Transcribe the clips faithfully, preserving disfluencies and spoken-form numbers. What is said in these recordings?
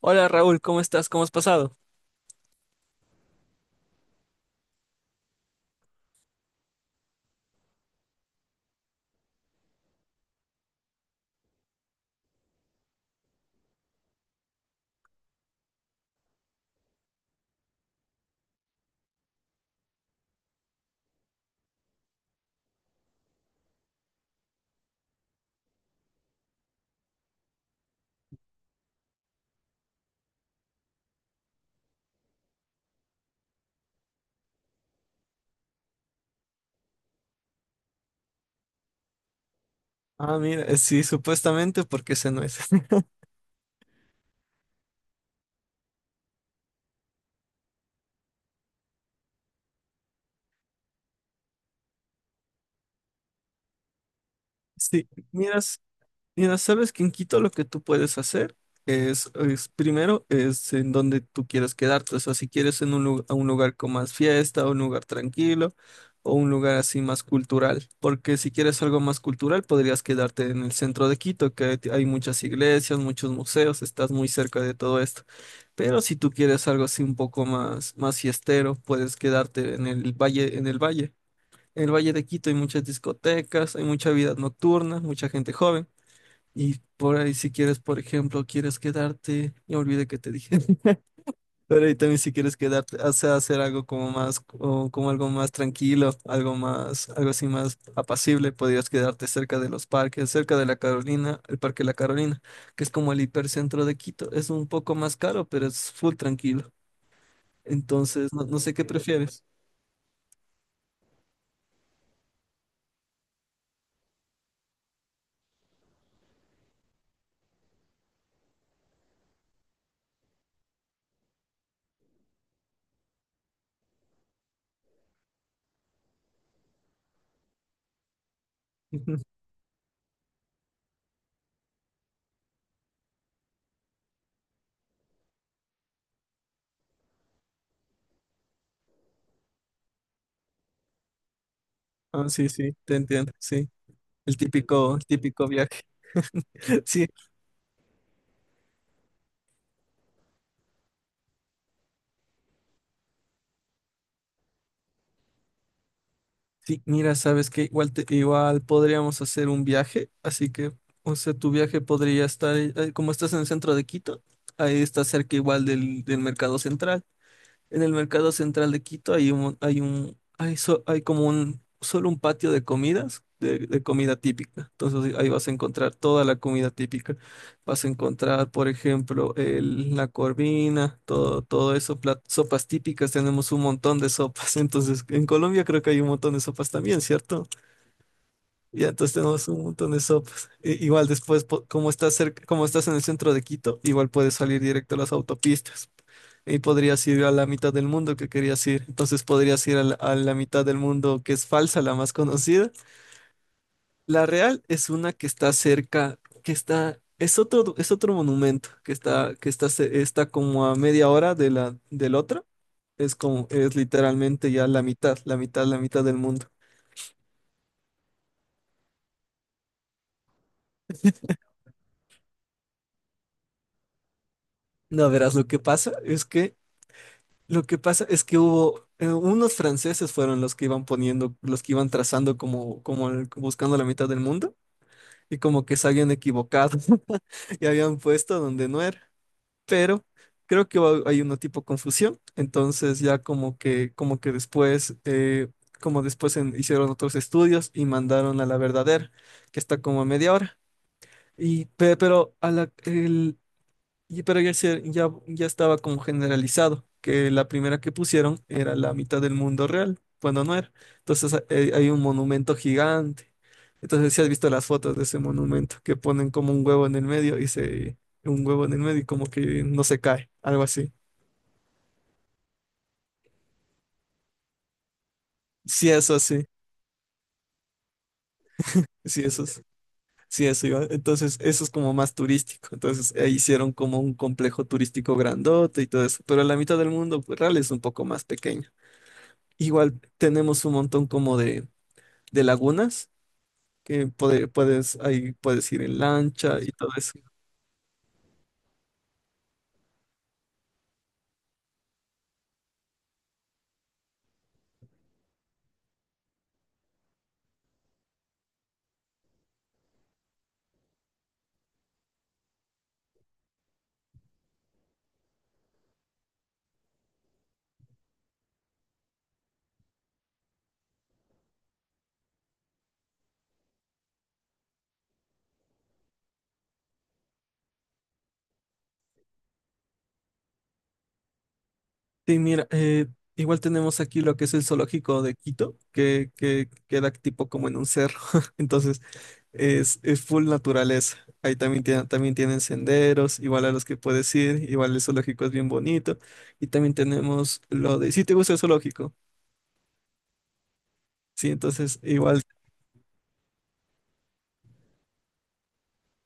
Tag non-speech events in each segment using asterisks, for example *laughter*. Hola Raúl, ¿cómo estás? ¿Cómo has pasado? Ah, mira, eh, sí, supuestamente porque ese no es. *laughs* Sí, miras, Mira, sabes que en Quito lo que tú puedes hacer es, es primero, es en donde tú quieres quedarte. O sea, si quieres en un, lu- a un lugar con más fiesta, un lugar tranquilo o un lugar así más cultural. Porque si quieres algo más cultural, podrías quedarte en el centro de Quito, que hay hay muchas iglesias, muchos museos, estás muy cerca de todo esto. Pero si tú quieres algo así un poco más, más fiestero, puedes quedarte en el valle, en el valle. En el Valle de Quito hay muchas discotecas, hay mucha vida nocturna, mucha gente joven. Y por ahí si quieres, por ejemplo, quieres quedarte, ya olvidé que te dije. *laughs* Pero ahí también si quieres quedarte, o sea, hacer algo como más, o como algo más tranquilo, algo más, algo así más apacible, podrías quedarte cerca de los parques, cerca de la Carolina, el Parque La Carolina, que es como el hipercentro de Quito. Es un poco más caro, pero es full tranquilo. Entonces, no, no sé qué prefieres. *laughs* Ah, sí, sí, te entiendo, sí. El típico, el típico viaje. *laughs* Sí, sí, mira, sabes que igual, te- igual podríamos hacer un viaje, así que, o sea, tu viaje podría estar, eh, como estás en el centro de Quito, ahí está cerca igual del, del mercado central. En el mercado central de Quito hay un, hay un, hay, so- hay como un, solo un patio de comidas, de, de comida típica. Entonces ahí vas a encontrar toda la comida típica. Vas a encontrar, por ejemplo, el- la corvina, todo, todo eso, plat- sopas típicas. Tenemos un montón de sopas. *laughs* Entonces en Colombia creo que hay un montón de sopas también, ¿cierto? Y entonces tenemos un montón de sopas. I- igual después, po- como estás cerca, como estás en el centro de Quito, igual puedes salir directo a las autopistas. Y podrías ir a la mitad del mundo que querías ir. Entonces podrías ir a la, a la mitad del mundo que es falsa, la más conocida. La real es una que está cerca, que está, es otro, es otro monumento que está, que está, ce- está como a media hora de la, del otro. Es como, es literalmente ya la mitad, la mitad, la mitad del mundo. No, verás, lo que pasa es que lo que pasa es que hubo eh, unos franceses fueron los que iban poniendo, los que iban trazando como, como el- buscando la mitad del mundo y como que se habían equivocado *laughs* y habían puesto donde no era. Pero creo que hubo- hay una tipo confusión, entonces ya como que como que después eh, como después en- hicieron otros estudios y mandaron a la verdadera que está como a media hora. Y pe- pero a la, y, pero ya, se- ya, ya estaba como generalizado, que la primera que pusieron era la mitad del mundo real, cuando no era. Entonces ha- eh, hay un monumento gigante. Entonces si has visto las fotos de ese monumento, que ponen como un huevo en el medio y se... un huevo en el medio y como que no se cae, algo así. Sí, eso sí, sí, eso es- sí, eso iba. Entonces eso es como más turístico. Entonces eh, hicieron como un complejo turístico grandote y todo eso, pero la mitad del mundo pues, real es un poco más pequeño. Igual tenemos un montón como de de lagunas que puede- puedes, ahí puedes ir en lancha y todo eso. Sí, mira, eh, igual tenemos aquí lo que es el zoológico de Quito, que, que queda tipo como en un cerro, *laughs* entonces es, es full naturaleza. Ahí también, tiene- también tienen senderos, igual a los que puedes ir, igual el zoológico es bien bonito. Y también tenemos lo de, si te gusta el zoológico, sí, entonces igual,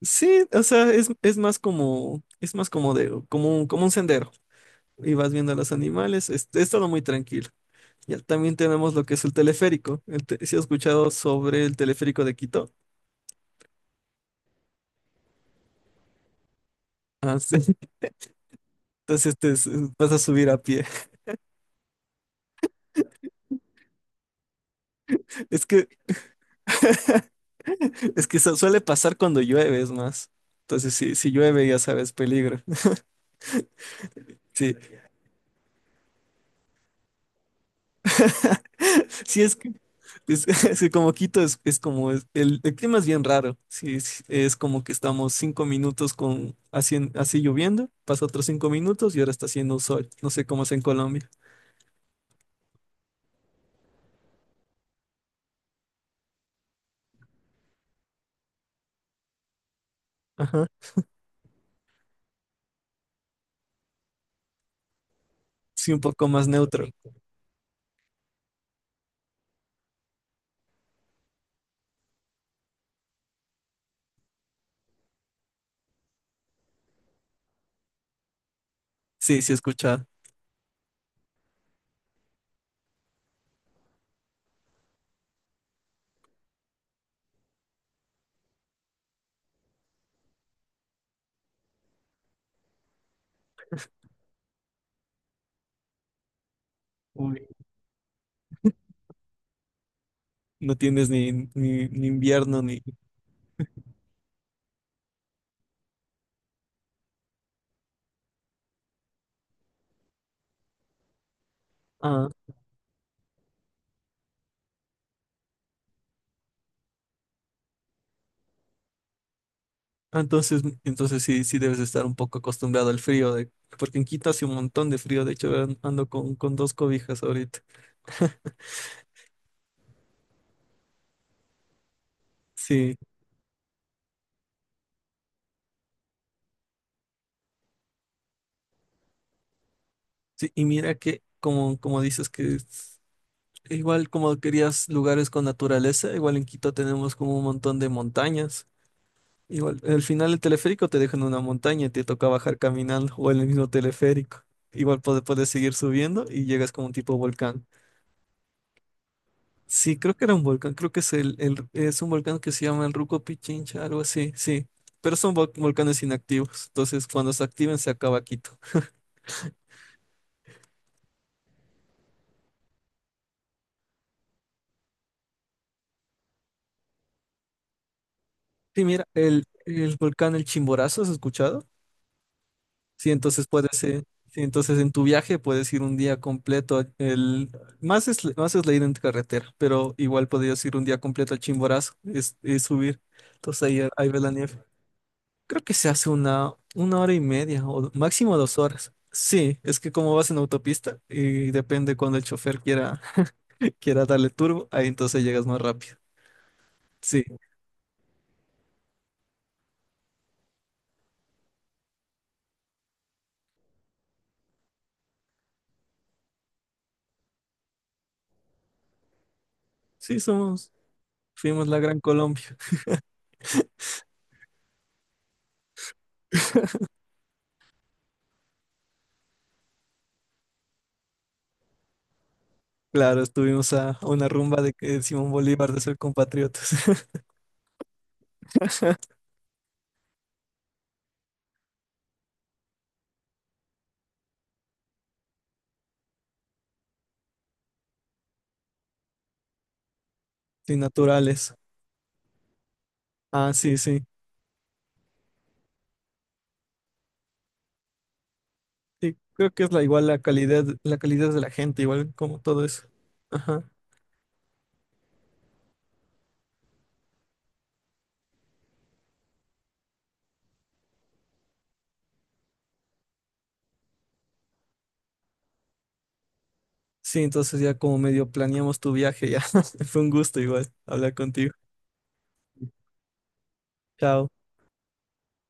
sí, o sea, es, es más como, es más como de, como un- como un sendero. Y vas viendo a los animales. Es, es todo muy tranquilo. Ya también tenemos lo que es el teleférico. El te- ¿Sí has escuchado sobre el teleférico de Quito? Ah, sí. *laughs* Entonces este es- Vas a subir a pie. *laughs* Es que, es que eso suele pasar cuando llueve, es más. Entonces, si, si llueve, ya sabes, peligro. *laughs* Sí. *laughs* Sí, es que, es, *laughs* es que como Quito es, es como es- el, el clima es bien raro. Sí, sí, es como que estamos cinco minutos con así, en- así lloviendo, pasa otros cinco minutos y ahora está haciendo un sol. No sé cómo es en Colombia. Ajá. Sí, un poco más neutro. Sí, sí, escucha. Uy, no tienes ni, ni, ni invierno ni. Ah, ah, entonces, entonces sí, sí debes estar un poco acostumbrado al frío, de... porque en Quito hace un montón de frío. De hecho, an- ando con, con dos cobijas ahorita. Sí, sí, y mira que, como, como dices que es- igual como querías lugares con naturaleza, igual en Quito tenemos como un montón de montañas. Igual, al final el teleférico te deja en una montaña y te toca bajar caminando o en el mismo teleférico. Igual puede- puedes seguir subiendo y llegas como un tipo volcán. Sí, creo que era un volcán, creo que es el, el- es un volcán que se llama el Ruco Pichincha, algo así, sí. Pero son vol- volcanes inactivos, entonces cuando se activen se acaba Quito. Sí, mira, el, el volcán El Chimborazo, ¿has escuchado? Sí, entonces puedes, eh, sí, entonces en tu viaje puedes ir un día completo. El, más es, más es la ida en carretera, pero igual podrías ir un día completo al Chimborazo es, y subir. Entonces ahí, ahí ves la nieve. Creo que se hace una, una hora y media o máximo dos horas. Sí, es que como vas en autopista y depende cuando el chofer quiera, *laughs* quiera darle turbo, ahí entonces llegas más rápido. Sí, sí, somos, fuimos la Gran Colombia. Claro, estuvimos a una rumba de, que Simón Bolívar de ser compatriotas. *laughs* Sí, naturales. Ah, sí, sí. Sí, creo que es la igual la calidad, la calidad de la gente, igual como todo eso. Ajá. Sí, entonces ya como medio planeamos tu viaje, ya. *laughs* Fue un gusto igual hablar contigo. Chao.